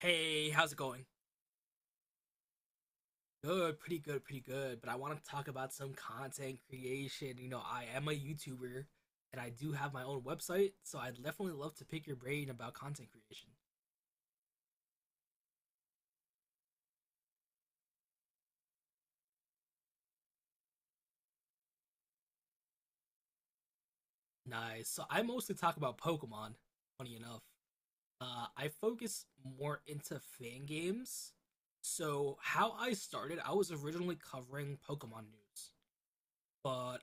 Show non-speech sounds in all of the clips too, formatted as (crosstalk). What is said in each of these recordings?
Hey, how's it going? Good, pretty good, pretty good. But I want to talk about some content creation. You know, I am a YouTuber and I do have my own website, so I'd definitely love to pick your brain about content creation. Nice. So I mostly talk about Pokemon, funny enough. I focus more into fan games. So how I started, I was originally covering Pokemon news, but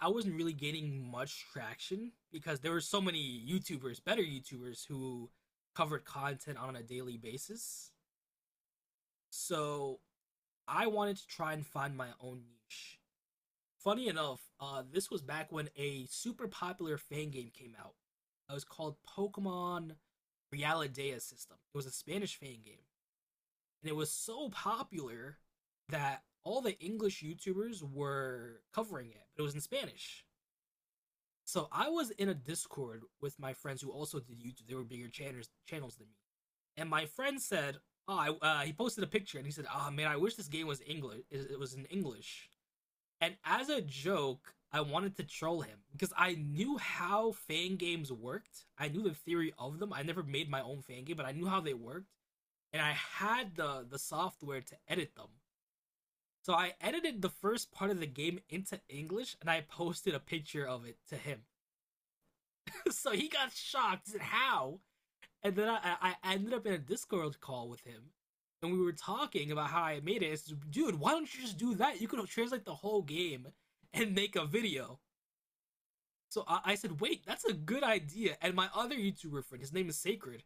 I wasn't really getting much traction because there were so many YouTubers, better YouTubers, who covered content on a daily basis. So I wanted to try and find my own niche. Funny enough, this was back when a super popular fan game came out. It was called Pokemon Realidea System. It was a Spanish fan game, and it was so popular that all the English YouTubers were covering it, but it was in Spanish. So I was in a Discord with my friends who also did YouTube. They were bigger channels than me. And my friend said, "Oh, I, he posted a picture and he said, "Oh man, I wish this game was English. It was in English." And as a joke, I wanted to troll him because I knew how fan games worked. I knew the theory of them. I never made my own fan game, but I knew how they worked, and I had the software to edit them. So I edited the first part of the game into English and I posted a picture of it to him. (laughs) So he got shocked. He said, How? And then I ended up in a Discord call with him, and we were talking about how I made it. I said, Dude, why don't you just do that? You could translate the whole game and make a video. So I said, Wait, that's a good idea. And my other YouTuber friend, his name is Sacred.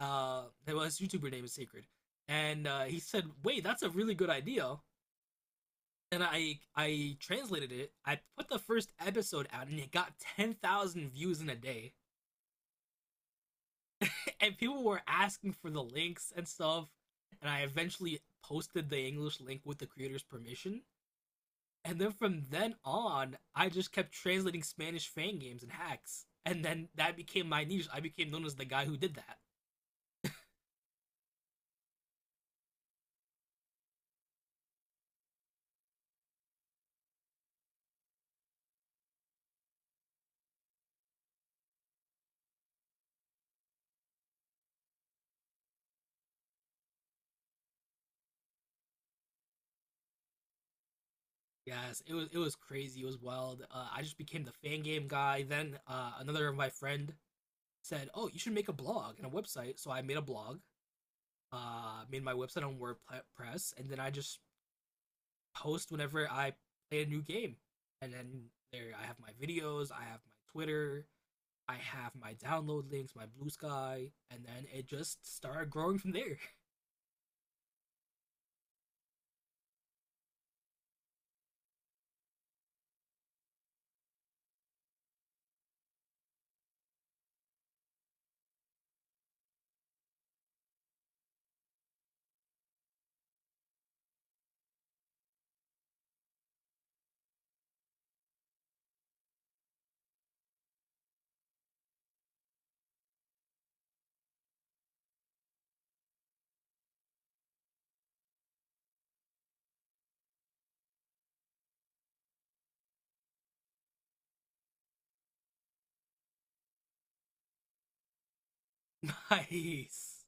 Well, his YouTuber name is Sacred, and he said, Wait, that's a really good idea. And I translated it. I put the first episode out, and it got 10,000 views in a day and people were asking for the links and stuff. And I eventually posted the English link with the creator's permission. And then from then on, I just kept translating Spanish fan games and hacks. And then that became my niche. I became known as the guy who did that. Yes, it was crazy. It was wild. I just became the fan game guy. Then another of my friend said, "Oh, you should make a blog and a website." So I made a blog. Made my website on WordPress, and then I just post whenever I play a new game. And then there I have my videos, I have my Twitter, I have my download links, my Blue Sky, and then it just started growing from there. (laughs) Nice.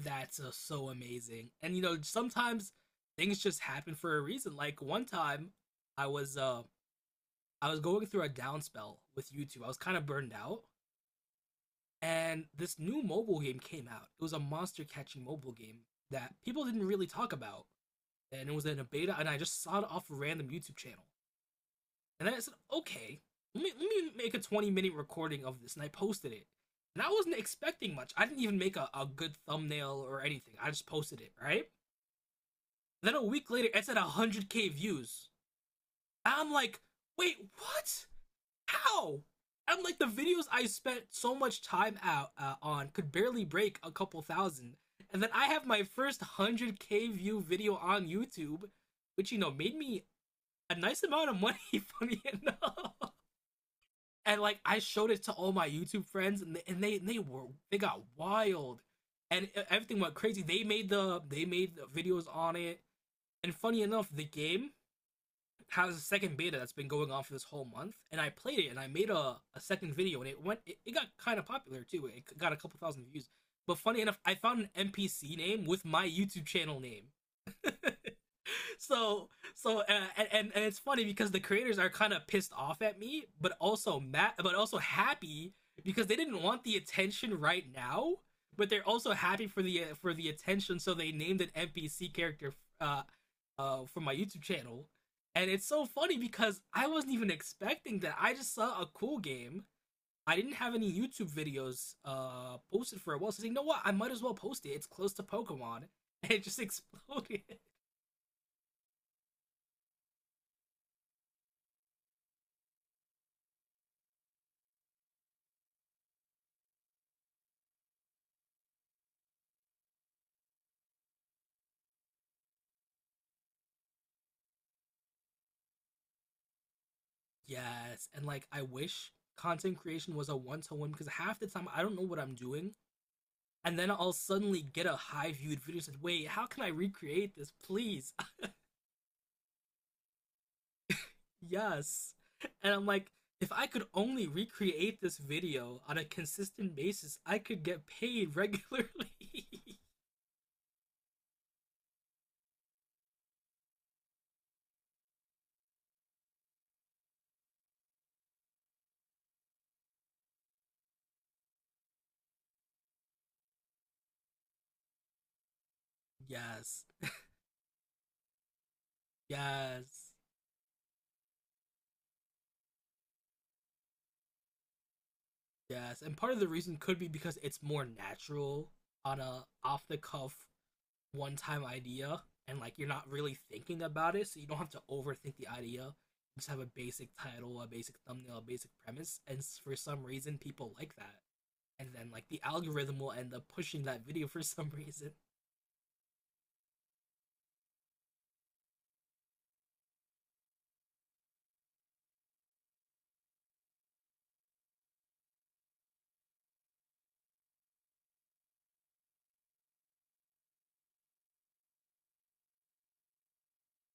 That's so amazing. And you know, sometimes things just happen for a reason. Like one time I was uh I was going through a down spell with YouTube. I was kind of burned out and this new mobile game came out. It was a monster catching mobile game that people didn't really talk about. And it was in a beta, and I just saw it off a random YouTube channel. And then I said, okay, let me make a 20-minute recording of this, and I posted it. And I wasn't expecting much. I didn't even make a good thumbnail or anything. I just posted it, right? Then a week later, it's at 100k views. And I'm like, wait, what? How? I'm like, the videos I spent so much time out on could barely break a couple thousand. And then I have my first 100k view video on YouTube, which, you know, made me a nice amount of money, (laughs) funny enough. And like I showed it to all my YouTube friends, and they got wild, and everything went crazy. They made the videos on it, and funny enough, the game has a second beta that's been going on for this whole month, and I played it, and I made a second video, and it went it got kind of popular too. It got a couple thousand views. But funny enough, I found an NPC name with my YouTube channel name. So so and it's funny because the creators are kind of pissed off at me but also mad but also happy because they didn't want the attention right now, but they're also happy for the attention, so they named an NPC character uh for my YouTube channel. And it's so funny because I wasn't even expecting that. I just saw a cool game. I didn't have any YouTube videos posted for a while, so I said, you know what, I might as well post it. It's close to Pokemon. (laughs) And it just exploded. (laughs) Yes. And like I wish content creation was a one to one because half the time I don't know what I'm doing. And then I'll suddenly get a high viewed video and said, wait, how can I recreate this, please? (laughs) Yes. And I'm like, if I could only recreate this video on a consistent basis, I could get paid regularly. (laughs) Yes. Yes. Yes. And part of the reason could be because it's more natural on a off the cuff one time idea, and like you're not really thinking about it, so you don't have to overthink the idea. You just have a basic title, a basic thumbnail, a basic premise, and for some reason people like that. And then like the algorithm will end up pushing that video for (laughs) some reason.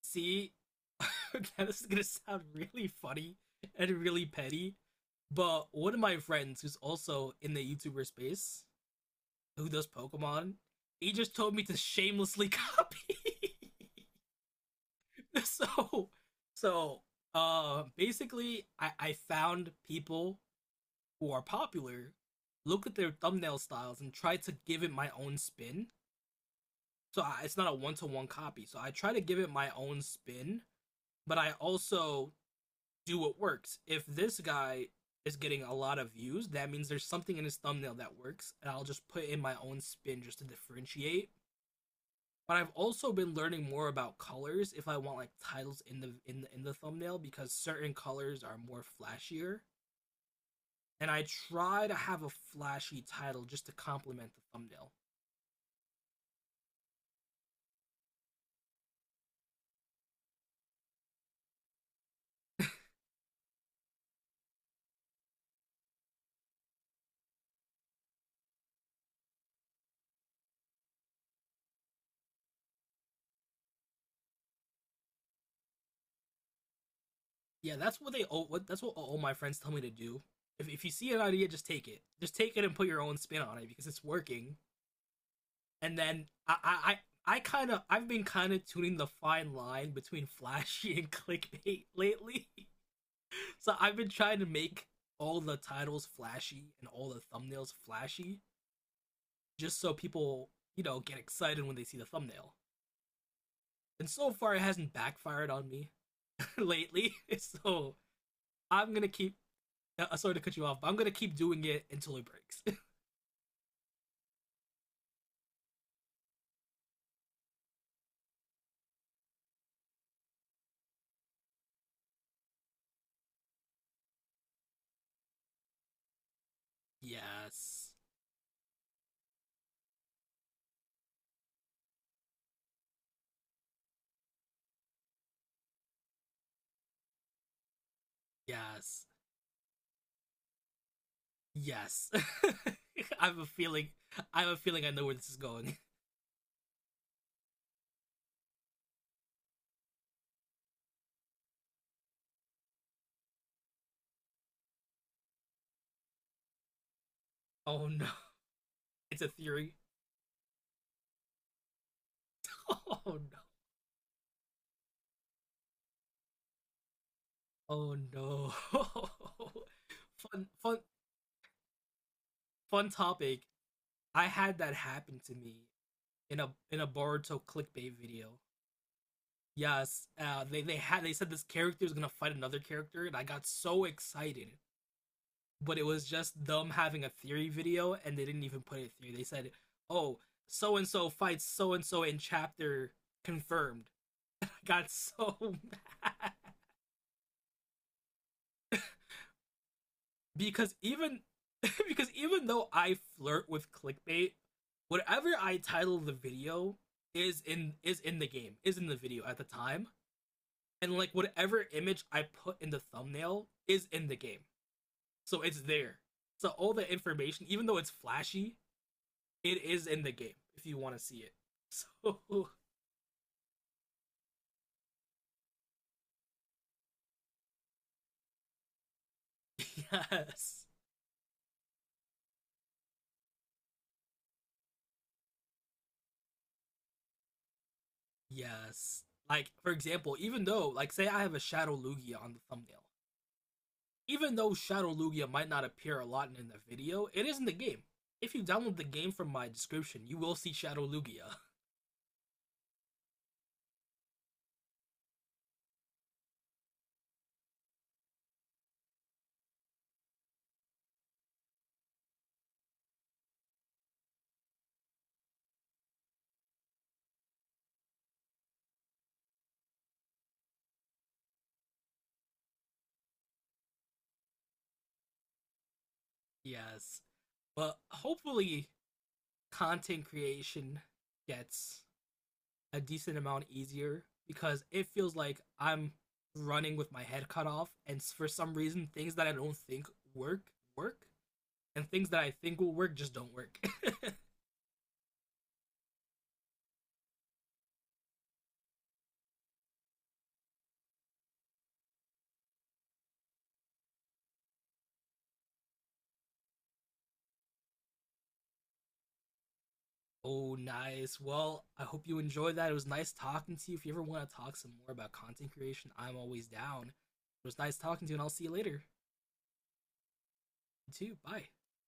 See, (laughs) this is gonna sound really funny and really petty, but one of my friends who's also in the YouTuber space, who does Pokemon, he just told me to shamelessly copy. (laughs) (laughs) so so basically I found people who are popular, looked at their thumbnail styles and tried to give it my own spin, so I, it's not a one-to-one copy, so I try to give it my own spin, but I also do what works. If this guy is getting a lot of views, that means there's something in his thumbnail that works, and I'll just put in my own spin just to differentiate, but I've also been learning more about colors if I want like titles in the thumbnail because certain colors are more flashier, and I try to have a flashy title just to complement the thumbnail. Yeah, that's what all my friends tell me to do. If you see an idea, just take it. Just take it and put your own spin on it because it's working. And then I've been kind of tuning the fine line between (laughs) flashy and clickbait lately. (laughs) So I've been trying to make all the titles flashy and all the thumbnails flashy just so people, you know, get excited when they see the thumbnail. And so far it hasn't backfired on me (laughs) lately. So I'm going to keep sorry to cut you off, but I'm going to keep doing it until it breaks. (laughs) Yes. Yes. Yes. (laughs) I have a feeling I have a feeling I know where this is going. (laughs) Oh no. It's a theory. (laughs) Oh no. Oh no. (laughs) fun fun fun topic. I had that happen to me in a Boruto clickbait video. Yes, they said this character is gonna fight another character, and I got so excited. But it was just them having a theory video, and they didn't even put it through. They said, "Oh, so and so fights so and so in chapter confirmed." (laughs) I got so (laughs) mad because even (laughs) because even though I flirt with clickbait, whatever I title the video is in the video at the time, and like whatever image I put in the thumbnail is in the game. So it's there. So all the information, even though it's flashy, it is in the game if you want to see it. (laughs) So yes. Yes. Like, for example, even though, like, say I have a Shadow Lugia on the thumbnail, even though Shadow Lugia might not appear a lot in the video, it is in the game. If you download the game from my description, you will see Shadow Lugia. (laughs) Yes. But hopefully, content creation gets a decent amount easier because it feels like I'm running with my head cut off, and for some reason, things that I don't think work work, and things that I think will work just don't work. (laughs) Oh, nice. Well, I hope you enjoyed that. It was nice talking to you. If you ever want to talk some more about content creation, I'm always down. It was nice talking to you, and I'll see you later. You too. Bye.